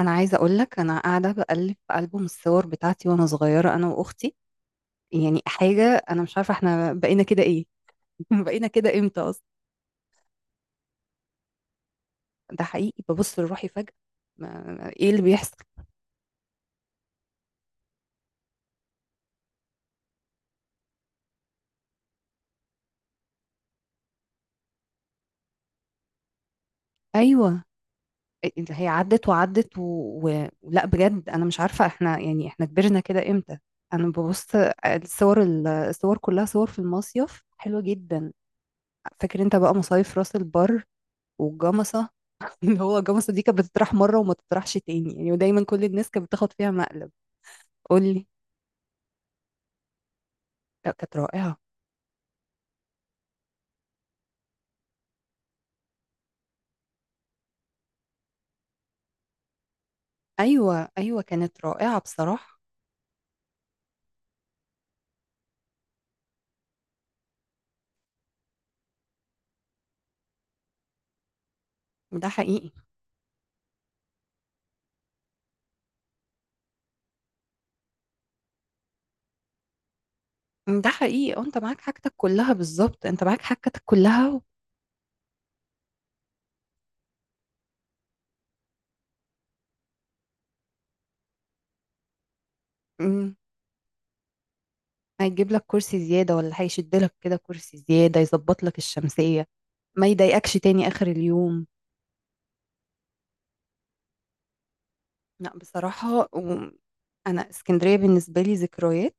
انا عايزه اقول لك، انا قاعده بقلب في البوم الصور بتاعتي وانا صغيره انا واختي، يعني حاجه، انا مش عارفه احنا بقينا كده ايه؟ بقينا كده امتى اصلا؟ ده حقيقي، ببص لروحي فجاه. ايه اللي بيحصل؟ ايوه. هي عدت وعدت لا، بجد انا مش عارفه احنا يعني، احنا كبرنا كده امتى؟ انا ببص الصور. الصور كلها صور في المصيف، حلوه جدا. فاكر انت بقى مصايف راس البر والجمصه؟ اللي هو الجاموسة دي كانت بتطرح مرة وما تطرحش تاني يعني، ودايما كل الناس كانت بتاخد فيها مقلب. قول لي. لا كانت رائعة. أيوة، أيوة، كانت رائعة بصراحة. ده حقيقي. ده حقيقي، اه، انت معاك حاجتك كلها بالظبط، انت معاك حاجتك كلها مم. هيجيب لك كرسي زيادة، ولا هيشد لك كده كرسي زيادة يظبط لك الشمسية. ما يضايقكش تاني آخر اليوم. لا بصراحة أنا، اسكندرية بالنسبة لي ذكريات.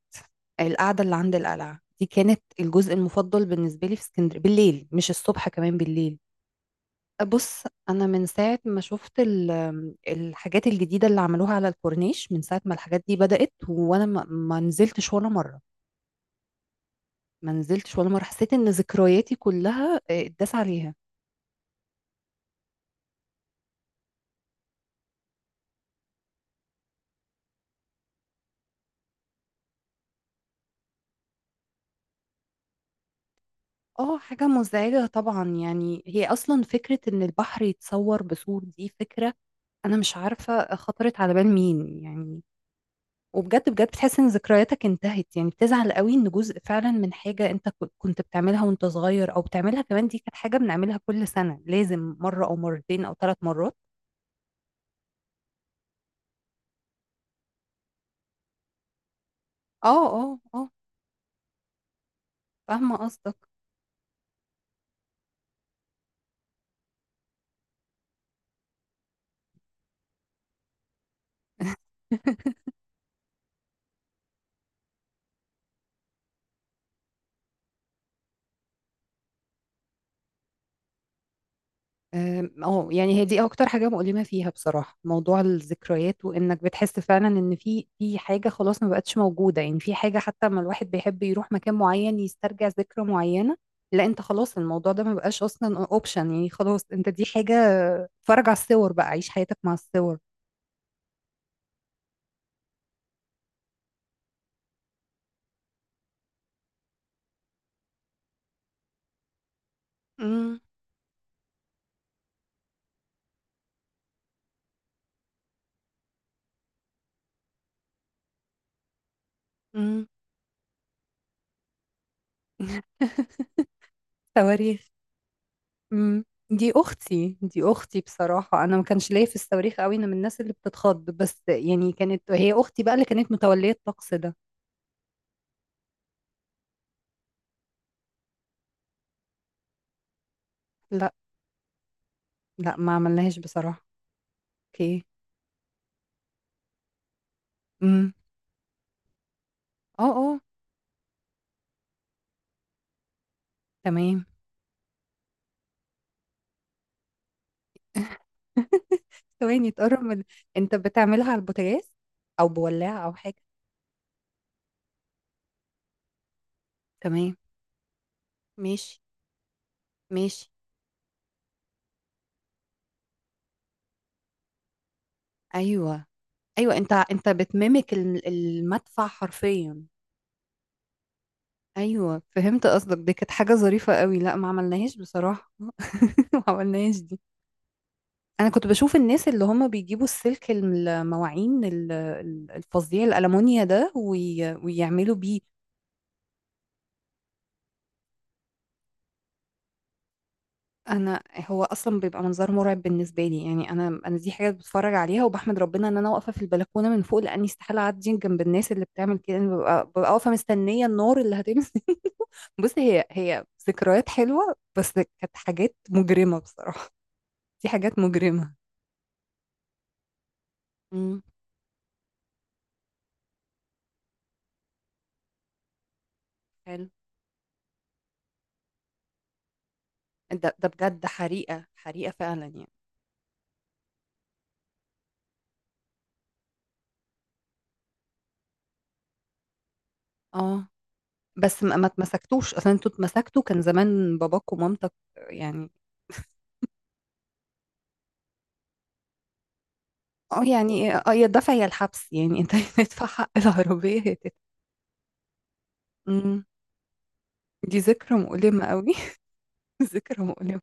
القعدة اللي عند القلعة دي كانت الجزء المفضل بالنسبة لي في اسكندرية، بالليل، مش الصبح، كمان بالليل. بص، أنا من ساعة ما شفت الحاجات الجديدة اللي عملوها على الكورنيش، من ساعة ما الحاجات دي بدأت وأنا ما نزلتش ولا مرة. ما نزلتش ولا مرة، حسيت إن ذكرياتي كلها اتداس عليها. اه، حاجة مزعجة طبعا يعني، هي أصلا فكرة إن البحر يتصور بصور، دي فكرة أنا مش عارفة خطرت على بال مين يعني. وبجد بجد بتحس ان ذكرياتك انتهت، يعني بتزعل قوي ان جزء فعلا من حاجة انت كنت بتعملها وانت صغير، او بتعملها كمان، دي كانت حاجة بنعملها كل سنة، لازم مرة او مرتين او 3 مرات. اه، اه، اه، فاهمة قصدك. اه، يعني هي دي اكتر حاجه مؤلمه فيها بصراحه، موضوع الذكريات، وانك بتحس فعلا ان في حاجه خلاص ما بقتش موجوده، يعني في حاجه حتى لما الواحد بيحب يروح مكان معين يسترجع ذكرى معينه. لا انت خلاص، الموضوع ده ما بقاش اصلا اوبشن يعني، خلاص انت دي حاجه. اتفرج على الصور بقى، عيش حياتك مع الصور. مم. مم. صواريخ. امم. دي اختي بصراحه، انا ما كانش ليا في الصواريخ قوي، انا من الناس اللي بتتخض بس يعني، كانت هي اختي بقى اللي كانت متوليه الطقس ده. لا، لا، ما عملناهاش بصراحه. اوكي. امم. اه، اه، تمام. ثواني، تقرب من، انت بتعملها على البوتاجاز او بولاعه او حاجه؟ تمام. ماشي. ماشي. ايوه. ايوه، انت بتميمك المدفع حرفيا. ايوه، فهمت قصدك، دي كانت حاجه ظريفه قوي. لا، ما عملناهاش بصراحه. ما عملناهاش دي. انا كنت بشوف الناس اللي هم بيجيبوا السلك، المواعين الفظيع، الالمونيا ده، ويعملوا بيه. انا، هو اصلا بيبقى منظر مرعب بالنسبه لي يعني، انا دي حاجه بتفرج عليها وبحمد ربنا ان انا واقفه في البلكونه من فوق، لاني استحاله اعدي جنب الناس اللي بتعمل كده. انا ببقى واقفه مستنيه النار اللي هتمسك. بص، هي ذكريات حلوه، بس كانت حاجات مجرمه بصراحه. دي حاجات مجرمة. امم. حلو. ده بجد، حريقة، حريقة فعلا يعني. اه، بس ما اتمسكتوش اصلا؟ انتوا اتمسكتوا كان زمان باباك ومامتك يعني. اه، يعني اه، يا الدفع يا الحبس، يعني انت تدفع حق العربية يا تدفع. امم، دي ذكرى مؤلمة قوي. ذكرى مؤلمة.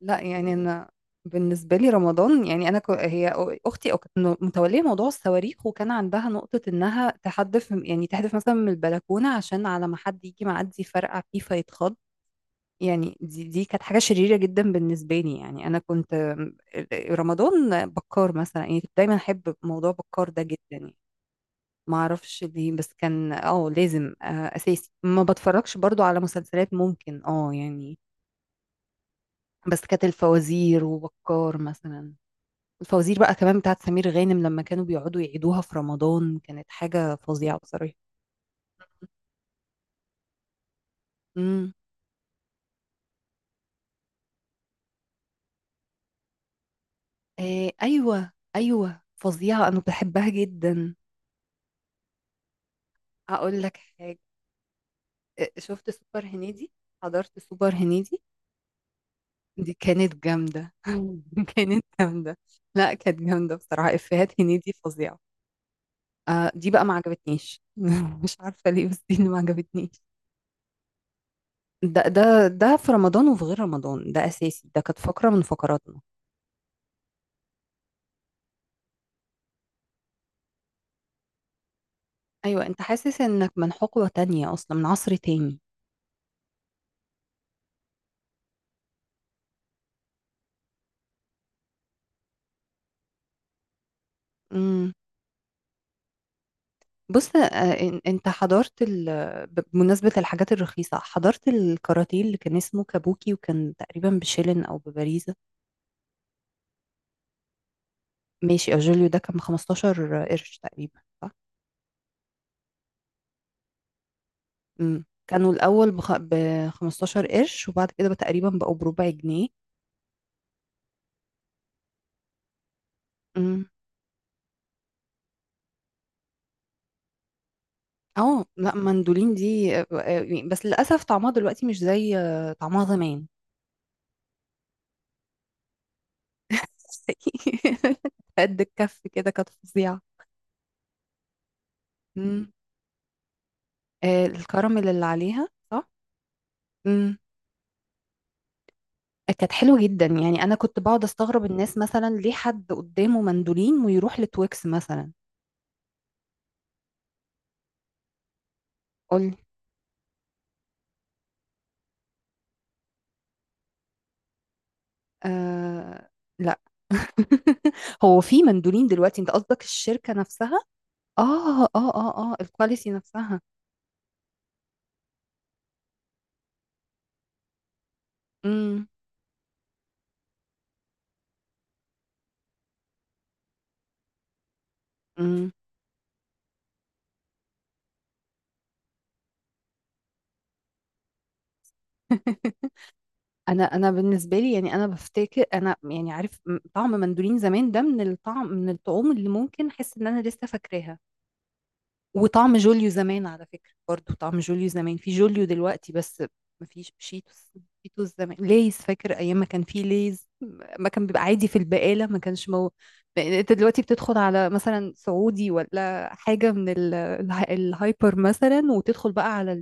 لا يعني انا، بالنسبة لي رمضان يعني انا، كو هي اختي او كانت متولية موضوع الصواريخ، وكان عندها نقطة انها تحدف يعني، تحدف مثلا من البلكونة عشان على ما حد يجي معدي يفرقع فيه فيتخض. يعني دي كانت حاجة شريرة جدا بالنسبة لي يعني. أنا كنت، رمضان بكار مثلا يعني، كنت دايما أحب موضوع بكار ده جدا يعني. ما أعرفش ليه، بس كان لازم أساسي. ما بتفرجش برضو على مسلسلات ممكن اه يعني. بس كانت الفوازير وبكار مثلا. الفوازير بقى كمان بتاعت سمير غانم، لما كانوا بيقعدوا يعيدوها في رمضان، كانت حاجة فظيعة بصراحة. امم. إيه، أيوه، أيوه، فظيعة، أنا بحبها جدا. أقول لك. شفت سوبر هنيدي؟ حضرت سوبر هنيدي؟ دي كانت جامدة، كانت جامدة. لا كانت جامدة بصراحة، إفيهات هنيدي فظيعة. آه دي بقى ما عجبتنيش. مش عارفة ليه، بس دي اللي ما عجبتنيش. ده في رمضان وفي غير رمضان، ده أساسي، ده كانت فقرة من فقراتنا. أيوة، أنت حاسس إنك من حقبة تانية، أصلا من عصر تاني. امم. بص، أنت بمناسبة الحاجات الرخيصة، حضرت الكاراتيه اللي كان اسمه كابوكي، وكان تقريبا بشيلن أو بباريزا. ماشي، اجوليو ده كان ب 15 قرش تقريبا، صح؟ امم، كانوا الاول ب 15 قرش، وبعد كده بقى تقريبا بقوا بربع جنيه. امم، اه، لا مندولين دي بس للاسف طعمها دلوقتي مش زي طعمها زمان. قد الكف كده، كانت فظيعه. امم. الكراميل اللي عليها، صح؟ امم، كانت حلوه جدا يعني، انا كنت بقعد استغرب الناس مثلا، ليه حد قدامه مندولين ويروح لتويكس مثلا؟ قولي. آه. لا. هو في مندولين دلوقتي؟ انت قصدك الشركة نفسها؟ اه، اه، اه، اه، الكواليتي نفسها. امم. امم. انا بالنسبه لي يعني، انا بفتكر انا يعني عارف طعم مندولين زمان، ده من الطعم، من الطعوم اللي ممكن احس ان انا لسه فاكراها. وطعم جوليو زمان على فكرة، برضو طعم جوليو زمان في جوليو دلوقتي بس. مفيش شيتوس. شيتوس زمان ليز. فاكر أيام ما كان في ليز؟ ما كان بيبقى عادي في البقالة، ما كانش مو. يعني انت دلوقتي بتدخل على مثلا سعودي ولا حاجة من الهايبر مثلا، وتدخل بقى على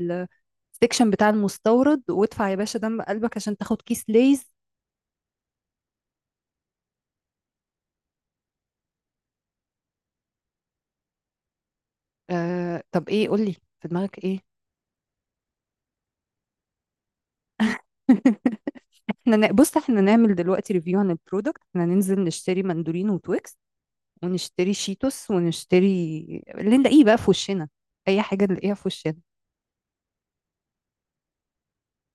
السكشن بتاع المستورد، وادفع يا باشا دم قلبك عشان تاخد كيس ليز. آه، طب ايه؟ قولي، في دماغك ايه؟ بص، احنا نعمل دلوقتي ريفيو عن البرودكت، احنا ننزل نشتري مندولين وتويكس. ونشتري شيتوس ونشتري اللي نلاقيه بقى في وشنا، اي حاجه نلاقيها في وشنا.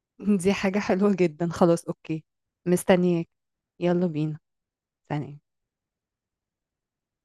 دي حاجه حلوه جدا، خلاص، اوكي. مستنياك. يلا بينا. سلام.